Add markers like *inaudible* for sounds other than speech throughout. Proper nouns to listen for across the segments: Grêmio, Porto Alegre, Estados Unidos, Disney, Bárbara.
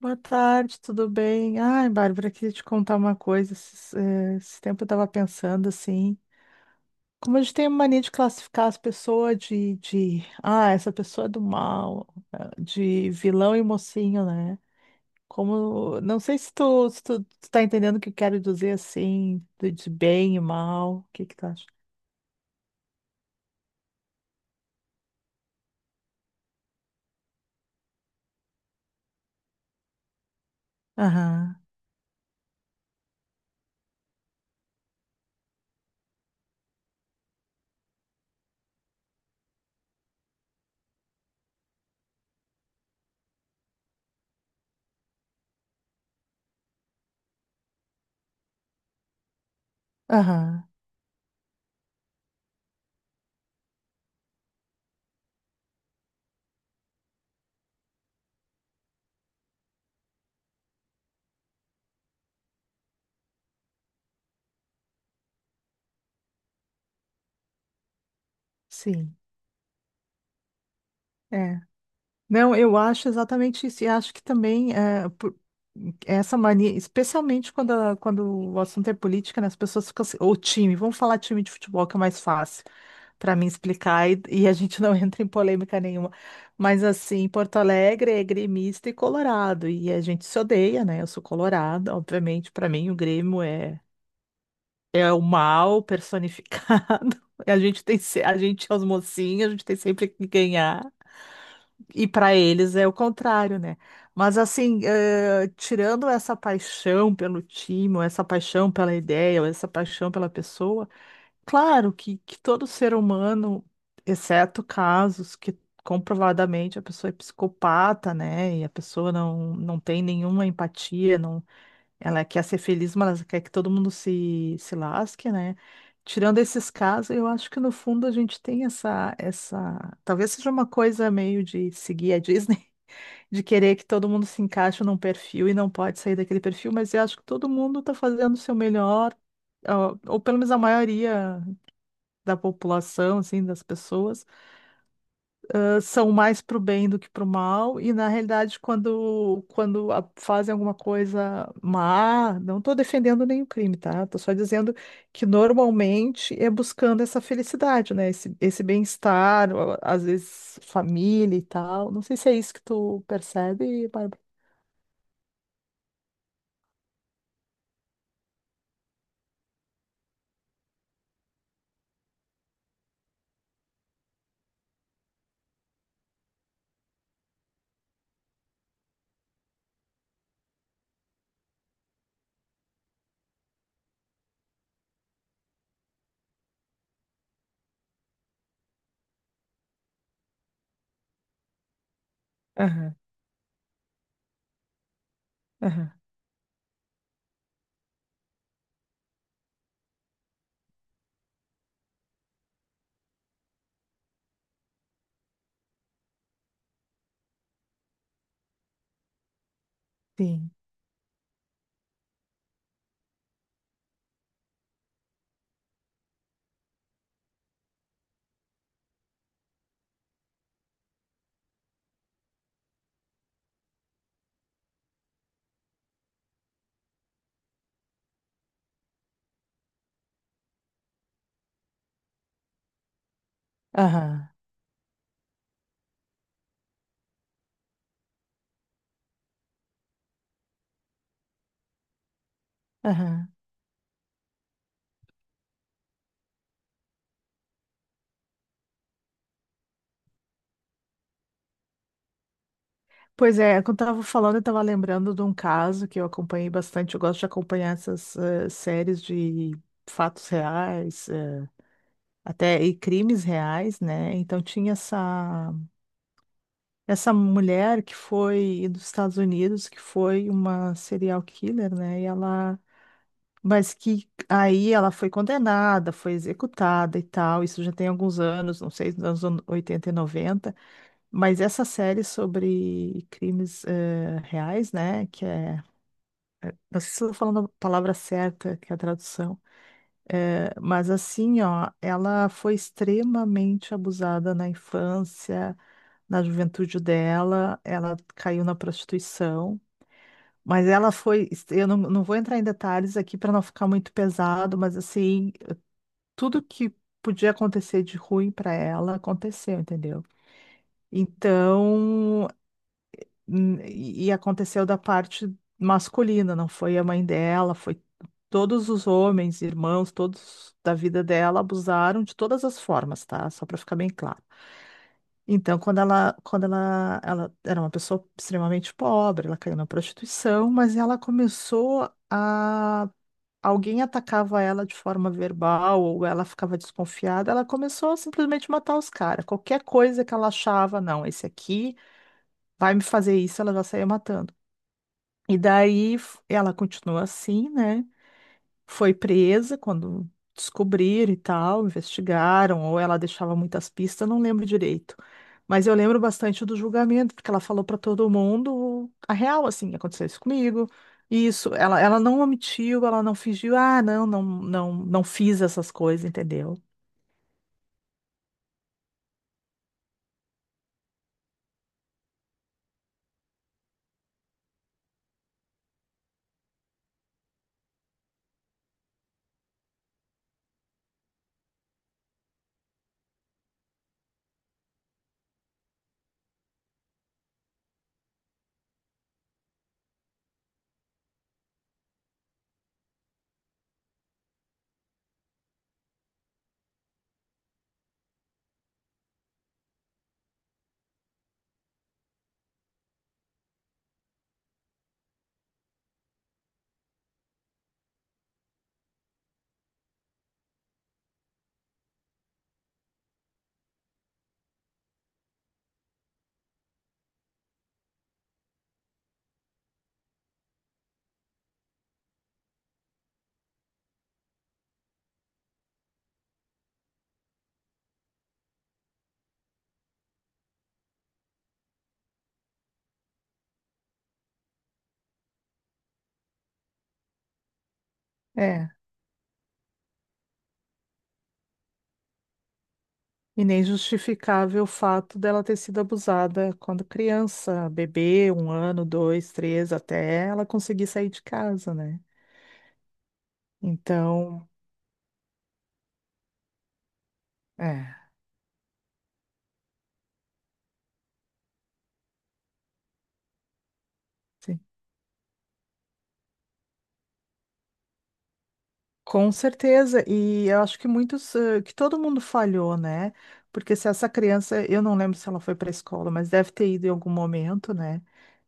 Boa tarde, tudo bem? Ai, Bárbara, queria te contar uma coisa. Esse tempo eu estava pensando assim, como a gente tem a mania de classificar as pessoas de essa pessoa é do mal, ah, de vilão e mocinho, né? Como, não sei se tu, tu tá entendendo o que eu quero dizer assim, de bem e mal, o que que tu acha? Aham, aham, sim. É. Não, eu acho exatamente isso. E acho que também essa mania, especialmente quando o assunto é política, né, as pessoas ficam assim, ou time, vamos falar time de futebol, que é mais fácil para mim explicar, e a gente não *laughs* entra em polêmica nenhuma. Mas assim, Porto Alegre é gremista e colorado, e a gente se odeia, né? Eu sou colorada, obviamente, para mim o Grêmio é, é o mal personificado. *laughs* A gente tem, a gente é os mocinhos, a gente tem sempre que ganhar. E para eles é o contrário, né? Mas assim, tirando essa paixão pelo time, ou essa paixão pela ideia, ou essa paixão pela pessoa, claro que todo ser humano, exceto casos que comprovadamente a pessoa é psicopata, né? E a pessoa não tem nenhuma empatia, não, ela quer ser feliz, mas ela quer que todo mundo se lasque, né? Tirando esses casos, eu acho que no fundo a gente tem essa. Talvez seja uma coisa meio de seguir a Disney, *laughs* de querer que todo mundo se encaixe num perfil e não pode sair daquele perfil, mas eu acho que todo mundo está fazendo o seu melhor, ó, ou pelo menos a maioria da população, assim, das pessoas são mais para o bem do que para o mal, e na realidade, quando fazem alguma coisa má, não estou defendendo nenhum crime, tá? Estou só dizendo que normalmente é buscando essa felicidade, né? Esse bem-estar, ó, às vezes família e tal. Não sei se é isso que tu percebe, Bárbara. Aham, aham, sim. Aham, aham. Pois é, quando eu tava falando, eu tava lembrando de um caso que eu acompanhei bastante. Eu gosto de acompanhar essas séries de fatos reais, até e crimes reais, né? Então tinha essa mulher que foi dos Estados Unidos, que foi uma serial killer, né? E ela mas que aí ela foi condenada, foi executada e tal. Isso já tem alguns anos, não sei, nos anos 80 e noventa. Mas essa série sobre crimes reais, né, que é... Não sei se estou falando a palavra certa, que é a tradução, é, mas assim, ó, ela foi extremamente abusada na infância, na juventude dela, ela caiu na prostituição, mas ela foi, eu não vou entrar em detalhes aqui para não ficar muito pesado, mas assim, tudo que podia acontecer de ruim para ela aconteceu, entendeu? Então, hum, e aconteceu da parte masculina, não foi a mãe dela, foi todos os homens, irmãos, todos da vida dela abusaram de todas as formas, tá? Só para ficar bem claro. Então, ela era uma pessoa extremamente pobre, ela caiu na prostituição, mas ela começou a... Alguém atacava ela de forma verbal ou ela ficava desconfiada, ela começou a simplesmente matar os caras. Qualquer coisa que ela achava, não, esse aqui vai me fazer isso, ela já saía matando. E daí ela continuou assim, né? Foi presa quando descobriram e tal, investigaram, ou ela deixava muitas pistas, não lembro direito. Mas eu lembro bastante do julgamento, porque ela falou para todo mundo a real, assim, aconteceu isso comigo. Isso, ela não omitiu, ela não fingiu, ah, não, não fiz essas coisas, entendeu? É. E nem justificável o fato dela ter sido abusada quando criança, bebê, um ano, dois, três, até ela conseguir sair de casa, né? Então, é, sim. Com certeza. E eu acho que muitos, que todo mundo falhou, né? Porque se essa criança, eu não lembro se ela foi para a escola, mas deve ter ido em algum momento, né?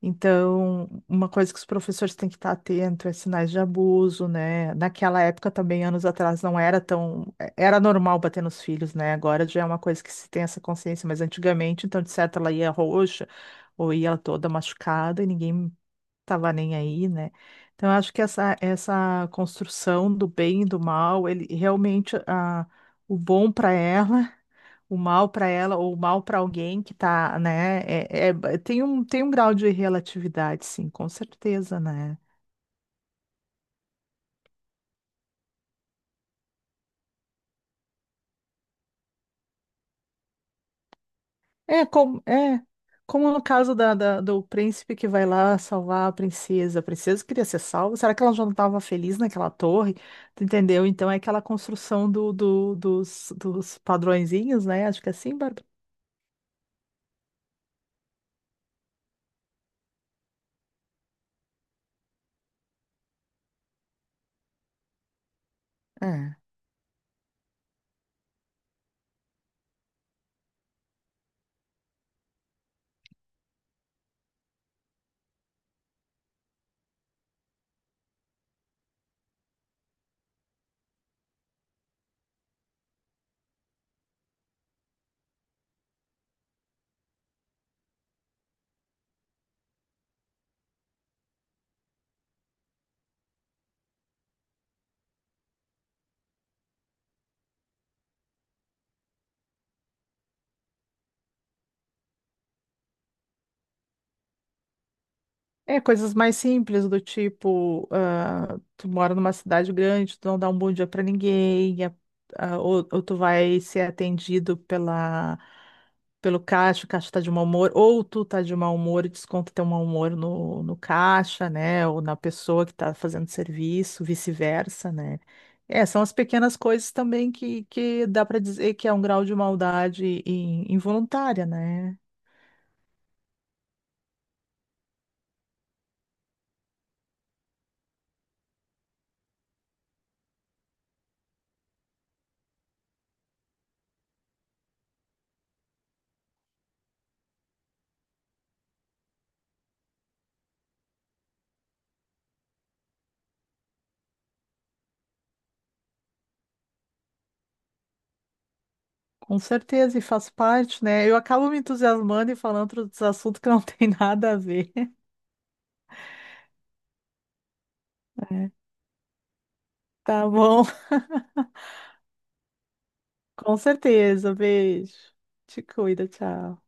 Então, uma coisa que os professores têm que estar atento é sinais de abuso, né? Naquela época também, anos atrás, não era tão... é, era normal bater nos filhos, né? Agora já é uma coisa que se tem essa consciência, mas antigamente, então, de certo, ela ia roxa ou ia toda machucada e ninguém tava nem aí, né? Então, eu acho que essa construção do bem e do mal, ele realmente... A, o bom para ela, o mal para ela ou o mal para alguém que tá, né? É, tem um grau de relatividade, sim, com certeza, né? É como no caso da, da- do príncipe que vai lá salvar a princesa. A princesa queria ser salva. Será que ela já não estava feliz naquela torre? Tu entendeu? Então é aquela construção dos dos padrõezinhos, né? Acho que é assim, Bárbara. É. É, coisas mais simples do tipo, ah, tu mora numa cidade grande, tu não dá um bom dia pra ninguém, ou tu vai ser atendido pela, pelo caixa, o caixa tá de mau humor, ou tu tá de mau humor e desconta teu mau humor no caixa, né, ou na pessoa que tá fazendo serviço, vice-versa, né. É, são as pequenas coisas também que dá pra dizer que é um grau de maldade involuntária, né. Com certeza, e faz parte, né? Eu acabo me entusiasmando e falando outros assuntos que não *laughs* tem nada a ver. É. Tá bom? Com certeza. Beijo. Te cuida, tchau.